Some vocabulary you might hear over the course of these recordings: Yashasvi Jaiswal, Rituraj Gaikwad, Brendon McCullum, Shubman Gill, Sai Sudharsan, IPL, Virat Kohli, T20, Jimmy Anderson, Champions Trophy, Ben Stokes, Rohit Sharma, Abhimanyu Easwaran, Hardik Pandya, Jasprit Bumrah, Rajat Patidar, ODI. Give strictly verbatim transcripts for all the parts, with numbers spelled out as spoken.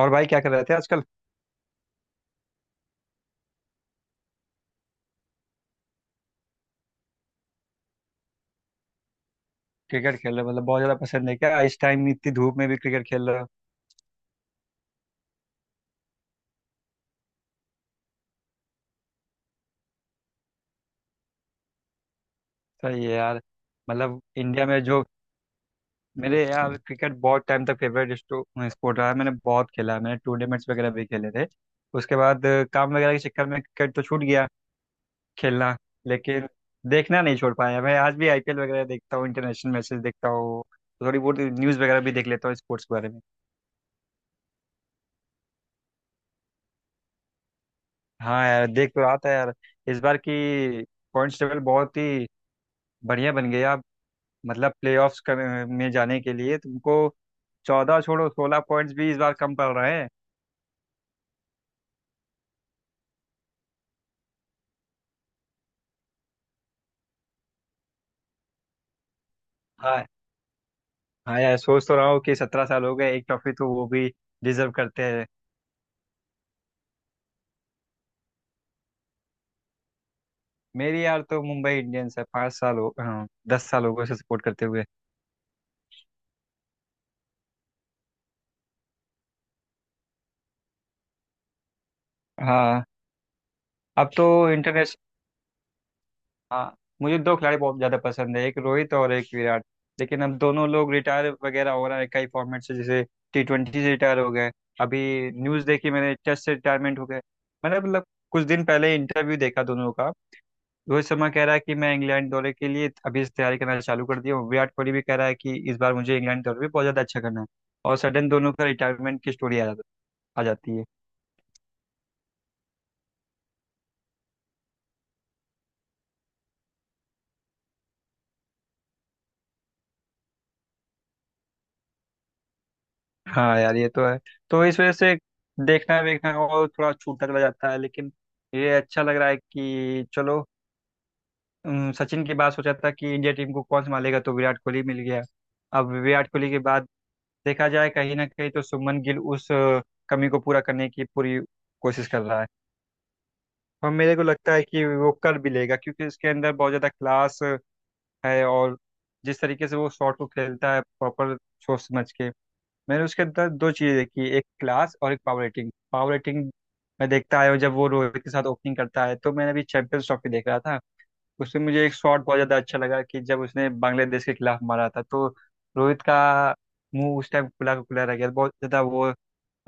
और भाई क्या कर रहे थे आजकल। क्रिकेट खेल रहे हो, मतलब बहुत ज्यादा पसंद है क्या इस टाइम इतनी धूप में भी क्रिकेट खेल रहे हो। सही है यार। मतलब इंडिया में जो मेरे यार क्रिकेट बहुत टाइम तक फेवरेट स्पोर्ट रहा है। मैंने बहुत खेला है, मैंने टूर्नामेंट्स वगैरह भी खेले थे। उसके बाद अ, काम वगैरह के चक्कर में क्रिकेट तो छूट गया खेलना, लेकिन देखना नहीं छोड़ पाया। मैं आज भी आईपीएल वगैरह देखता हूँ, इंटरनेशनल मैचेस देखता हूँ। थोड़ी बहुत न्यूज़ वगैरह भी देख लेता हूँ स्पोर्ट्स के बारे में। हाँ यार, देख तो रहा था यार। इस बार की पॉइंट्स टेबल बहुत ही बढ़िया बन गया। मतलब प्लेऑफ्स कर में जाने के लिए तुमको चौदह छोड़ो, सोलह पॉइंट्स भी इस बार कम पड़ रहे हैं। हाँ। हाँ यार, सोच तो रहा हूँ कि सत्रह साल हो गए, एक ट्रॉफी तो वो भी डिजर्व करते हैं। मेरी यार तो मुंबई इंडियंस है, पाँच साल हो, हाँ दस साल हो गए उसे सपोर्ट करते हुए। हाँ। अब तो हाँ, मुझे दो खिलाड़ी बहुत ज़्यादा पसंद है, एक रोहित और एक विराट। लेकिन अब दोनों लोग रिटायर वगैरह हो रहा है कई फॉर्मेट से। जैसे टी ट्वेंटी से रिटायर हो गए। अभी न्यूज़ देखी मैंने, टेस्ट से रिटायरमेंट हो गए। मैंने मतलब कुछ दिन पहले इंटरव्यू देखा दोनों का। रोहित शर्मा कह रहा है कि मैं इंग्लैंड दौरे के लिए अभी से तैयारी करना चालू कर दिया हूँ। विराट कोहली भी कह रहा है कि इस बार मुझे इंग्लैंड दौरे पे बहुत ज़्यादा अच्छा करना है। और सडन दोनों का रिटायरमेंट की स्टोरी आ, जा, आ जाती है। हाँ यार, ये तो है। तो इस वजह से देखना देखना और थोड़ा छूटता चला जाता है। लेकिन ये अच्छा लग रहा है कि चलो, अम, सचिन की बात सोचा था कि इंडिया टीम को कौन संभालेगा, तो विराट कोहली मिल गया। अब विराट कोहली के बाद देखा जाए, कहीं ना कहीं तो सुमन गिल उस अ, कमी को पूरा करने की पूरी कोशिश कर रहा है। और मेरे को लगता है कि वो कर भी लेगा, क्योंकि इसके अंदर बहुत ज़्यादा क्लास है। और जिस तरीके से वो शॉट को खेलता है, प्रॉपर सोच समझ के। मैंने उसके अंदर दो चीज़ें देखी, एक क्लास और एक पावर रेटिंग। पावर रेटिंग मैं देखता आया हूँ जब वो रोहित के साथ ओपनिंग करता है। तो मैंने अभी चैंपियंस ट्रॉफी देख रहा था, उसमें मुझे एक शॉट बहुत ज़्यादा अच्छा लगा कि जब उसने बांग्लादेश के खिलाफ मारा था, तो रोहित का मुंह उस टाइम खुला का खुला रह गया। बहुत ज़्यादा वो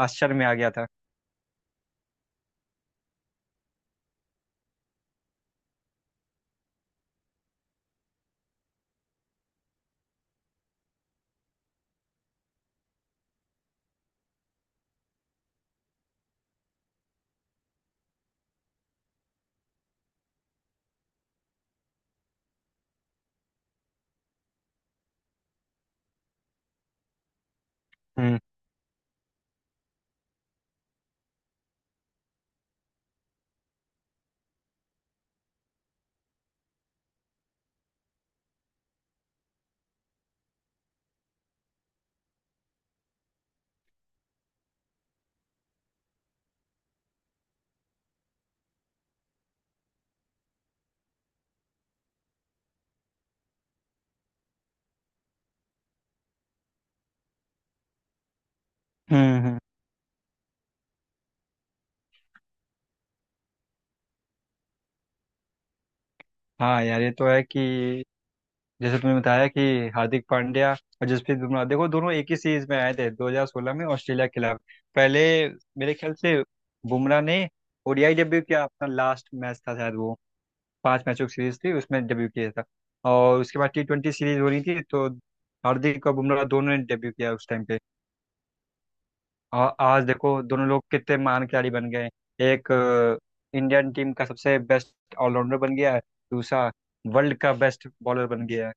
आश्चर्य में आ गया था। हम्म। हम्म। हम्म। हाँ यार, ये तो है कि जैसे तुमने बताया कि हार्दिक पांड्या और जसप्रीत बुमराह, देखो दोनों एक ही सीरीज में आए थे दो हज़ार सोलह में ऑस्ट्रेलिया के खिलाफ। पहले मेरे ख्याल से बुमराह ने ओडीआई डेब्यू किया, अपना लास्ट मैच था शायद वो। पांच मैचों की सीरीज थी, उसमें डेब्यू किया था। और उसके बाद टी ट्वेंटी सीरीज हो रही थी, तो हार्दिक और बुमराह दोनों ने डेब्यू किया उस टाइम पे। और आज देखो दोनों लोग कितने महान खिलाड़ी बन गए। एक अ, इंडियन टीम का सबसे बेस्ट ऑलराउंडर बन गया है, दूसरा वर्ल्ड का बेस्ट बॉलर बन गया है।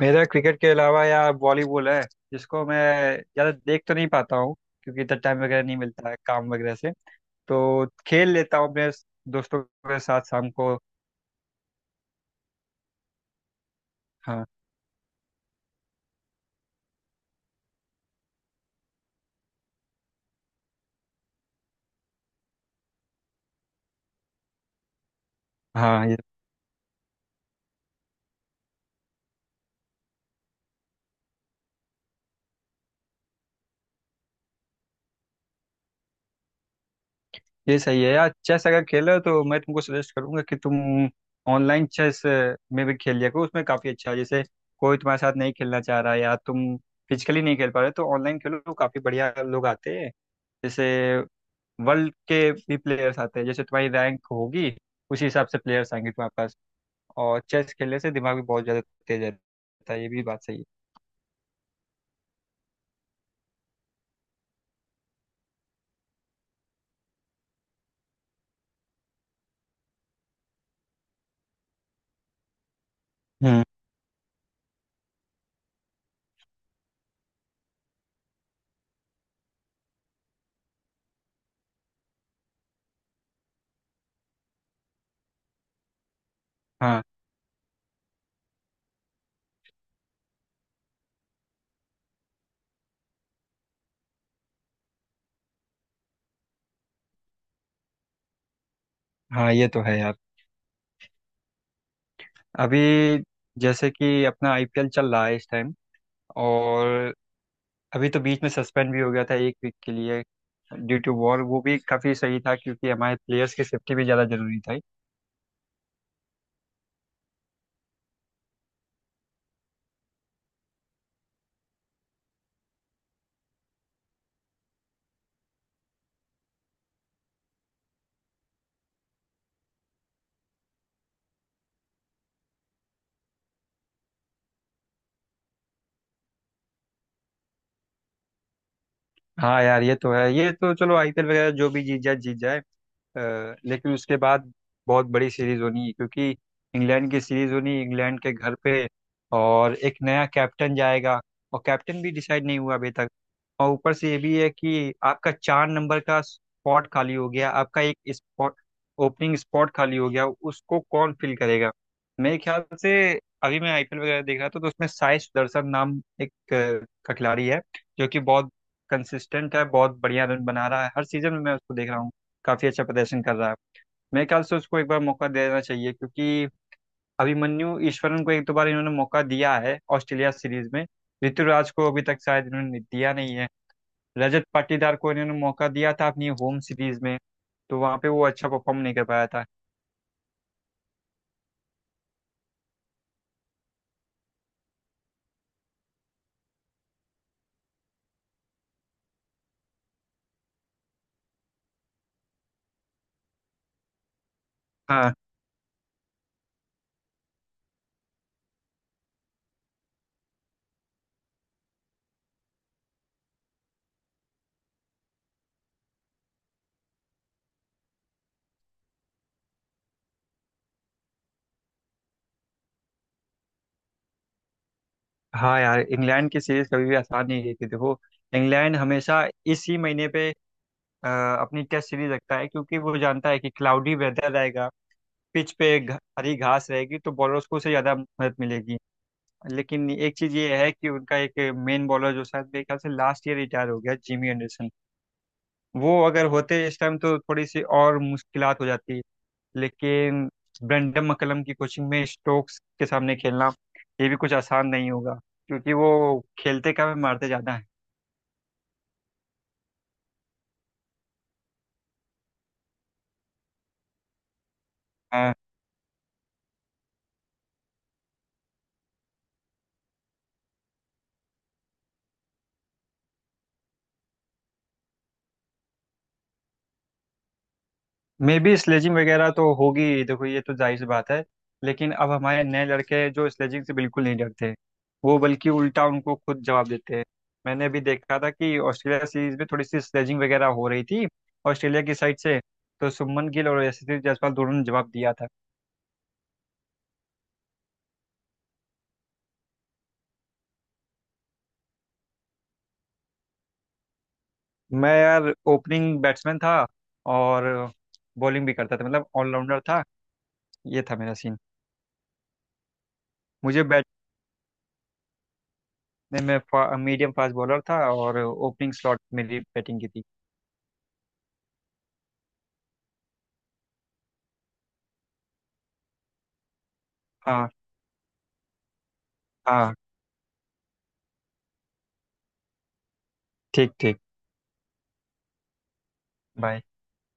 मेरा क्रिकेट के अलावा यार वॉलीबॉल है, जिसको मैं ज़्यादा देख तो नहीं पाता हूँ, क्योंकि इतना टाइम वगैरह नहीं मिलता है काम वगैरह से। तो खेल लेता हूँ अपने दोस्तों के साथ शाम को। हाँ। हाँ, ये ये सही है यार। चेस अगर खेल रहे हो तो मैं तुमको सजेस्ट करूंगा कि तुम ऑनलाइन चेस में भी खेल लिया करो, उसमें काफ़ी अच्छा है। जैसे कोई तुम्हारे साथ नहीं खेलना चाह रहा है या तुम फिजिकली नहीं खेल पा रहे, तो ऑनलाइन खेलो तो काफ़ी बढ़िया लोग आते हैं। जैसे वर्ल्ड के भी प्लेयर्स आते हैं, जैसे तुम्हारी रैंक होगी उसी हिसाब से प्लेयर्स आएंगे तुम्हारे पास। और चेस खेलने से दिमाग भी बहुत ज्यादा तेज रहता है, ये भी बात सही है। हम्म। हाँ। हाँ ये तो है यार। अभी जैसे कि अपना आईपीएल चल रहा है इस टाइम, और अभी तो बीच में सस्पेंड भी हो गया था एक वीक के लिए, ड्यू टू वॉर। वो भी काफ़ी सही था, क्योंकि हमारे प्लेयर्स की सेफ्टी भी ज़्यादा जरूरी था। हाँ यार ये तो है, ये तो चलो आईपीएल वगैरह जो भी जीत जाए जीत जाए। अ, लेकिन उसके बाद बहुत बड़ी सीरीज होनी है, क्योंकि इंग्लैंड की सीरीज होनी, इंग्लैंड के घर पे। और एक नया कैप्टन जाएगा, और कैप्टन भी डिसाइड नहीं हुआ अभी तक। और ऊपर से ये भी है कि आपका चार नंबर का स्पॉट खाली हो गया, आपका एक स्पॉट ओपनिंग स्पॉट खाली हो गया, उसको कौन फिल करेगा। मेरे ख्याल से अभी मैं आईपीएल वगैरह देख रहा था, तो उसमें साई सुदर्शन नाम एक अ, का खिलाड़ी है, जो कि बहुत कंसिस्टेंट है, बहुत बढ़िया रन बना रहा है हर सीजन में। मैं उसको देख रहा हूँ, काफी अच्छा प्रदर्शन कर रहा है। मेरे ख्याल से उसको एक बार मौका देना चाहिए, क्योंकि अभिमन्यु ईश्वरन को एक दो बार इन्होंने मौका दिया है ऑस्ट्रेलिया सीरीज में। ऋतुराज को अभी तक शायद इन्होंने दिया नहीं है। रजत पाटीदार को इन्होंने मौका दिया था अपनी होम सीरीज में, तो वहां पे वो अच्छा परफॉर्म नहीं कर पाया था। हाँ। हाँ यार, इंग्लैंड की सीरीज कभी भी आसान नहीं रहती, देखो। इंग्लैंड हमेशा इसी महीने पे अ, अपनी टेस्ट सीरीज रखता है, क्योंकि वो जानता है कि क्लाउडी वेदर रहेगा, पिच पे घ- हरी घास रहेगी, तो बॉलर्स को उसे ज़्यादा मदद मिलेगी। लेकिन एक चीज़ ये है कि उनका एक मेन बॉलर, जो शायद मेरे ख्याल से लास्ट ईयर रिटायर हो गया, जिमी एंडरसन, वो अगर होते इस टाइम तो थोड़ी सी और मुश्किलात हो जाती। लेकिन ब्रेंडन मक्कलम की कोचिंग में स्टोक्स के सामने खेलना, ये भी कुछ आसान नहीं होगा, क्योंकि वो खेलते कम है मारते ज़्यादा हैं। मे बी स्लेजिंग वगैरह तो होगी ही, देखो ये तो जाहिर सी बात है। लेकिन अब हमारे नए लड़के हैं जो स्लेजिंग से बिल्कुल नहीं डरते, वो बल्कि उल्टा उनको खुद जवाब देते हैं। मैंने अभी देखा था कि ऑस्ट्रेलिया सीरीज में थोड़ी सी स्लेजिंग वगैरह हो रही थी ऑस्ट्रेलिया की साइड से, तो शुभमन गिल और यशस्वी जायसवाल दोनों ने जवाब दिया था। मैं यार ओपनिंग बैट्समैन था, और बॉलिंग भी करता था, मतलब ऑलराउंडर था। ये था मेरा सीन। मुझे बैटने में फा, मीडियम फास्ट बॉलर था और ओपनिंग स्लॉट मेरी बैटिंग की थी। हाँ। हाँ। ठीक ठीक। बाय।